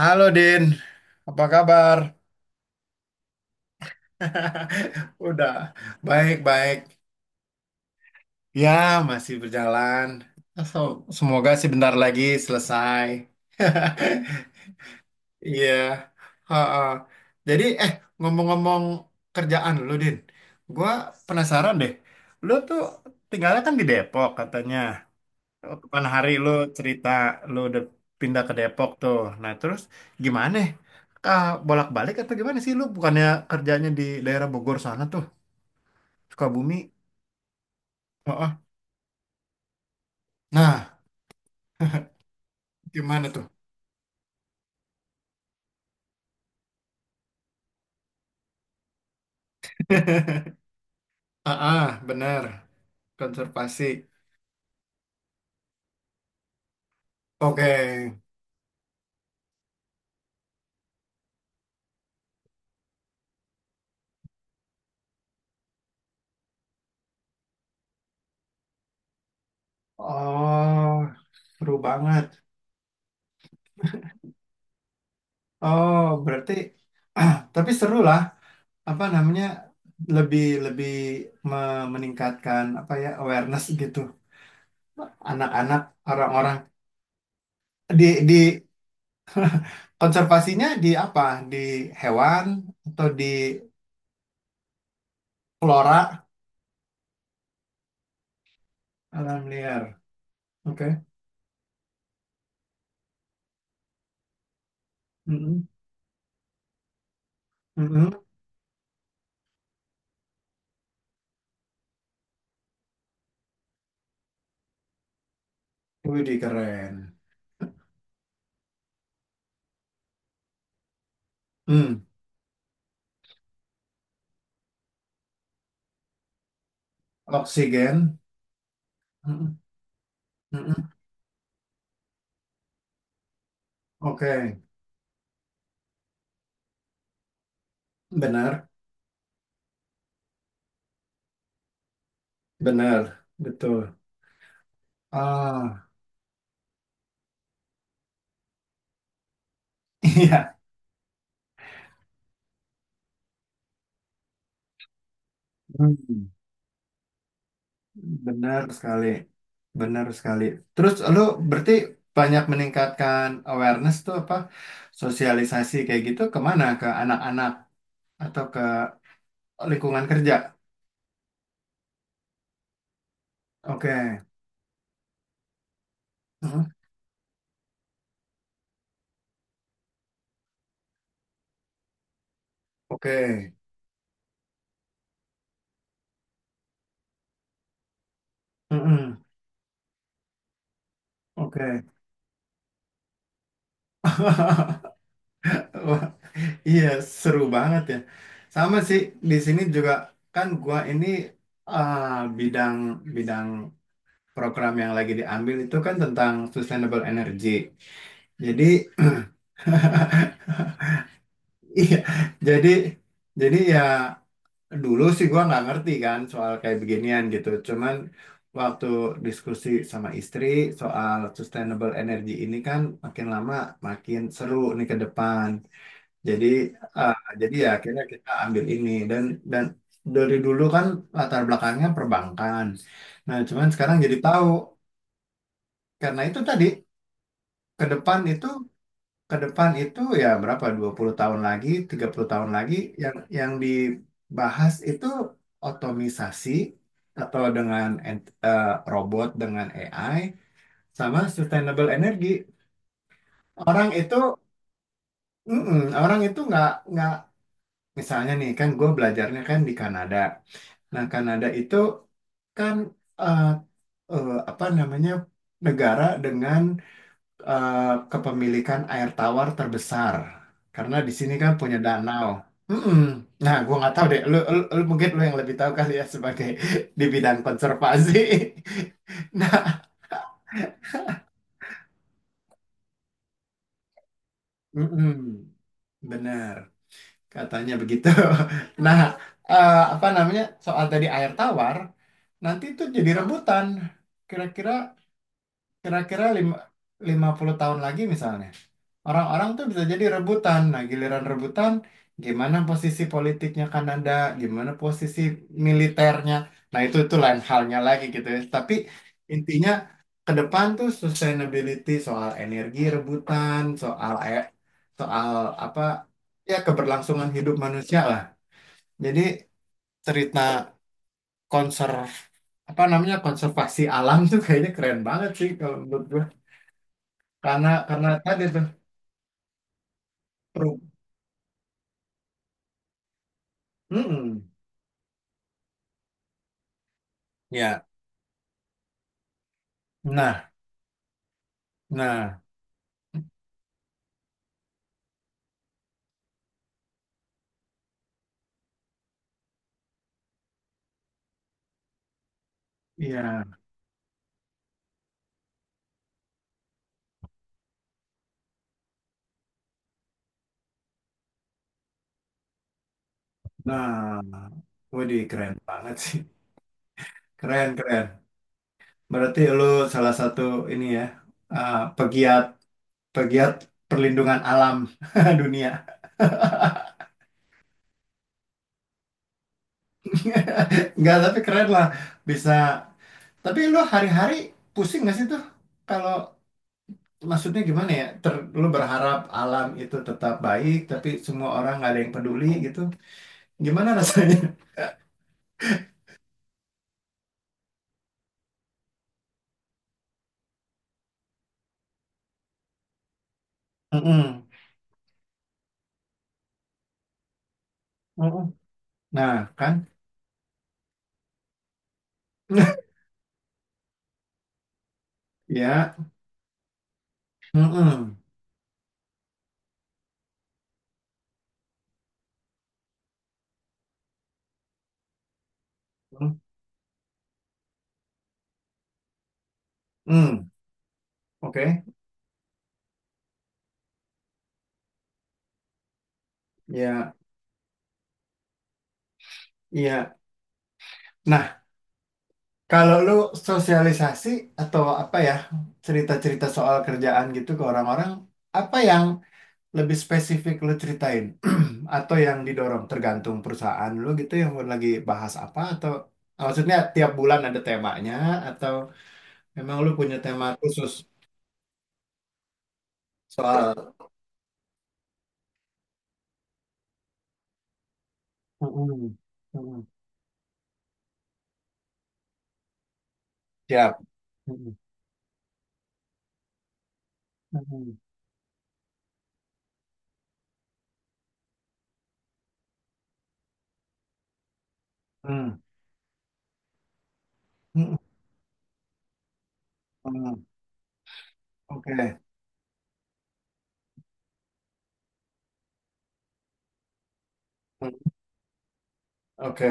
Halo Din, apa kabar? Udah, baik-baik. Ya, masih berjalan. Semoga sih bentar lagi selesai. Iya. Ha-ha. Jadi, ngomong-ngomong kerjaan lu, Din. Gua penasaran deh. Lu tuh tinggalnya kan di Depok katanya. Kapan hari lu cerita lu udah pindah ke Depok tuh. Nah, terus gimana? Kah bolak-balik atau gimana sih lu bukannya kerjanya di daerah Bogor sana tuh, Sukabumi? Heeh. Nah, gimana tuh? Ah, ah, bener. Konservasi. Oke. Oh, seru banget. Oh, berarti ah, tapi seru lah. Apa namanya? Lebih lebih meningkatkan apa ya awareness gitu anak-anak, orang-orang di Konservasinya di apa? Di hewan atau di flora, alam liar? Oke. Mm-mm. Mm-mm. Widih, keren. Hmm. Oksigen. Mm-mm. Mm-mm. Oke. Benar. Benar. Betul. Ah, iya. Hmm. Benar sekali. Benar sekali. Terus lu berarti banyak meningkatkan awareness tuh apa? Sosialisasi kayak gitu kemana? Ke anak-anak atau ke lingkungan kerja? Oke. Heeh. Oke. Heeh. Oke. Wah, iya, seru banget ya. Sama sih di sini juga kan gua ini ah, bidang bidang program yang lagi diambil itu kan tentang sustainable energy. Jadi iya, jadi jadi ya dulu sih gua nggak ngerti kan soal kayak beginian gitu. Cuman waktu diskusi sama istri soal sustainable energy ini kan makin lama makin seru nih ke depan. Jadi eh, jadi ya akhirnya kita ambil ini dan dari dulu kan latar belakangnya perbankan. Nah, cuman sekarang jadi tahu karena itu tadi ke depan itu ke depan itu ya berapa 20 tahun lagi, 30 tahun lagi yang dibahas itu otomisasi atau dengan robot dengan AI sama sustainable energy. Orang itu mm-mm, orang itu nggak misalnya nih kan gue belajarnya kan di Kanada. Nah, Kanada itu kan eh, apa namanya negara dengan eh, kepemilikan air tawar terbesar karena di sini kan punya danau. Mm-mm. Nah, gua nggak tahu deh. Lu mungkin lu yang lebih tahu kali ya sebagai di bidang konservasi. Nah, mm-mm. Benar katanya begitu. Nah, apa namanya soal tadi air tawar nanti itu jadi rebutan. Kira-kira Kira-kira lima, 50 tahun lagi misalnya, orang-orang tuh bisa jadi rebutan. Nah, giliran rebutan, gimana posisi politiknya Kanada, gimana posisi militernya. Nah, itu lain halnya lagi gitu ya. Tapi intinya ke depan tuh sustainability soal energi rebutan, soal air, soal apa ya keberlangsungan hidup manusia lah. Jadi cerita konser apa namanya konservasi alam tuh kayaknya keren banget sih kalau menurut gue. Karena tadi tuh pro. Mm-mm. Ya. Nah, nah, iya. Nah, waduh keren banget sih. Keren, keren. Berarti lu salah satu ini ya, pegiat pegiat perlindungan alam dunia. Enggak, tapi keren lah bisa. Tapi lu hari-hari pusing nggak sih tuh? Kalau maksudnya gimana ya? Ter, lu berharap alam itu tetap baik, tapi semua orang nggak ada yang peduli gitu. Gimana rasanya? Mm-mm. Mm-mm. Nah, kan? Ya. Mm-mm. Mm-mm. Oke. Ya, iya. Nah, kalau lu sosialisasi atau apa ya, cerita-cerita soal kerjaan gitu ke orang-orang, apa yang lebih spesifik lu ceritain? Atau yang didorong tergantung perusahaan lu gitu yang lagi bahas apa atau maksudnya tiap bulan ada temanya atau memang lu punya tema khusus soal mm-mm. Mm-mm. Siap. Mm-mm. Mm-mm. Mm-mm. Mm, mm-mm. Oke, oke,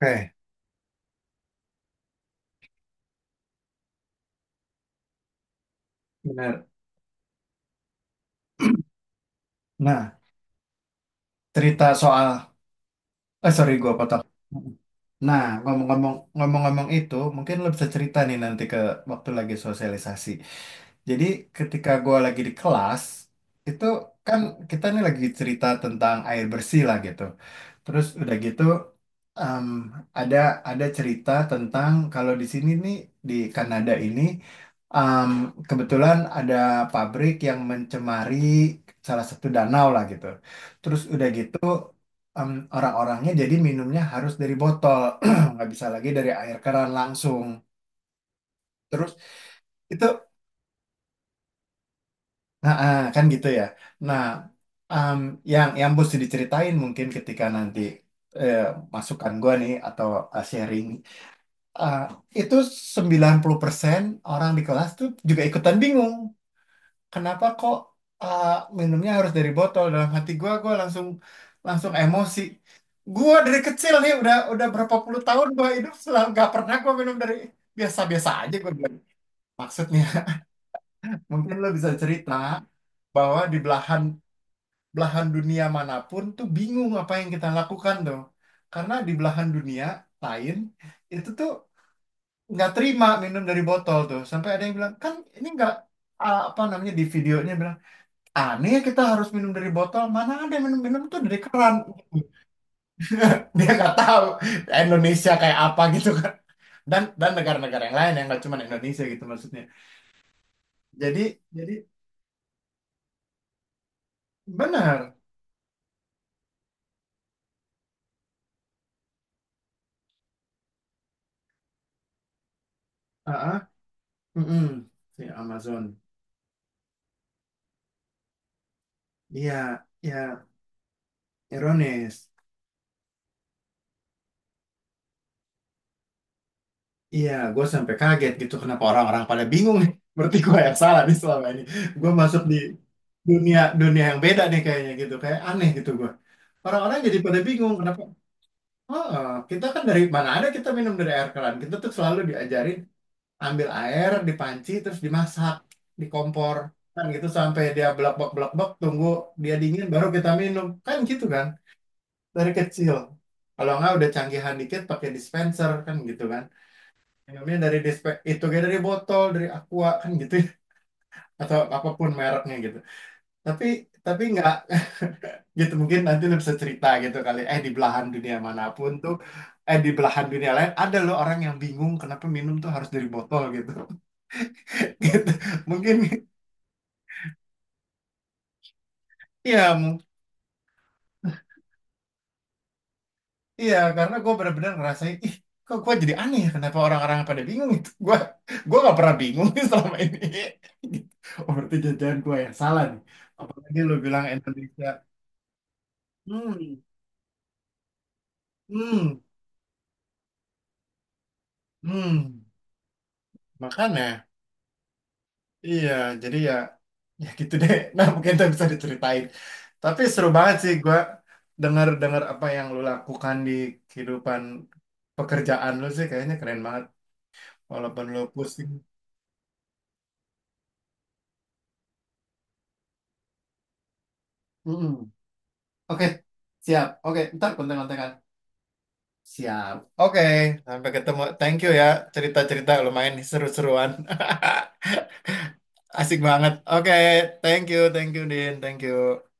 oke, benar. Nah, cerita soal, eh sorry gua potong. Nah, ngomong-ngomong, ngomong-ngomong itu, mungkin lo bisa cerita nih nanti ke waktu lagi sosialisasi. Jadi ketika gua lagi di kelas, itu kan kita nih lagi cerita tentang air bersih lah gitu. Terus udah gitu em, ada ada cerita tentang kalau di sini nih di Kanada ini em, kebetulan ada pabrik yang mencemari salah satu danau lah gitu. Terus udah gitu em, orang-orangnya jadi minumnya harus dari botol, nggak bisa lagi dari air keran langsung. Terus itu nah, ah, kan gitu ya. Nah, em, yang mesti diceritain mungkin ketika nanti eh, masukan gua nih atau sharing. Eh, itu 90% orang di kelas tuh juga ikutan bingung. Kenapa kok eh, minumnya harus dari botol? Dalam hati gue langsung langsung emosi. Gue dari kecil nih udah berapa puluh tahun gue hidup selalu nggak pernah gue minum dari biasa-biasa aja gue bilang. Maksudnya mungkin lo bisa cerita bahwa di belahan belahan dunia manapun tuh bingung apa yang kita lakukan tuh. Karena di belahan dunia lain itu tuh nggak terima minum dari botol tuh sampai ada yang bilang kan ini nggak ah, apa namanya di videonya bilang aneh ya kita harus minum dari botol mana ada yang minum-minum tuh dari keran. Dia nggak tahu Indonesia kayak apa gitu kan dan negara-negara yang lain yang nggak cuma Indonesia gitu maksudnya jadi jadi benar ah, ah, mm-mm. Si Amazon iya ya ironis. Iya, gue sampai kaget gitu kenapa orang-orang pada bingung nih. Berarti gue yang salah nih selama ini. Gue masuk di dunia dunia yang beda nih kayaknya gitu. Kayak aneh gitu gue. Orang-orang jadi pada bingung kenapa. Oh, kita kan dari mana ada kita minum dari air keran. Kita tuh selalu diajarin ambil air di panci terus dimasak di kompor kan gitu sampai dia blak-blak-blak-blak tunggu dia dingin baru kita minum kan gitu kan dari kecil. Kalau nggak udah canggihan dikit pakai dispenser kan gitu kan minumnya dari dispe itu kayak dari botol dari aqua kan gitu ya. Atau apapun mereknya gitu tapi tapi nggak gitu mungkin nanti lu bisa cerita gitu kali eh di belahan dunia manapun tuh eh di belahan dunia lain ada loh orang yang bingung kenapa minum tuh harus dari botol gitu. Gitu mungkin iya mu- iya karena gue benar-benar ngerasain ih kok gue jadi aneh ya kenapa orang-orang pada bingung gitu gue nggak pernah bingung selama ini gitu. Oh berarti jajan gue yang salah nih apalagi lu bilang Indonesia. Hmm. Hmm, hmm, makanya, iya, jadi ya, ya gitu deh. Nah, mungkin itu bisa diceritain. Tapi seru banget sih gua dengar-dengar apa yang lu lakukan di kehidupan pekerjaan lu sih, kayaknya keren banget. Walaupun lu pusing. Mm-mm. Oke, siap. Oke, ntar konten-kontenan. Siap. Oke, sampai ketemu. Thank you ya, cerita-cerita lumayan seru-seruan. Asik banget. Oke, thank you, Din, thank you.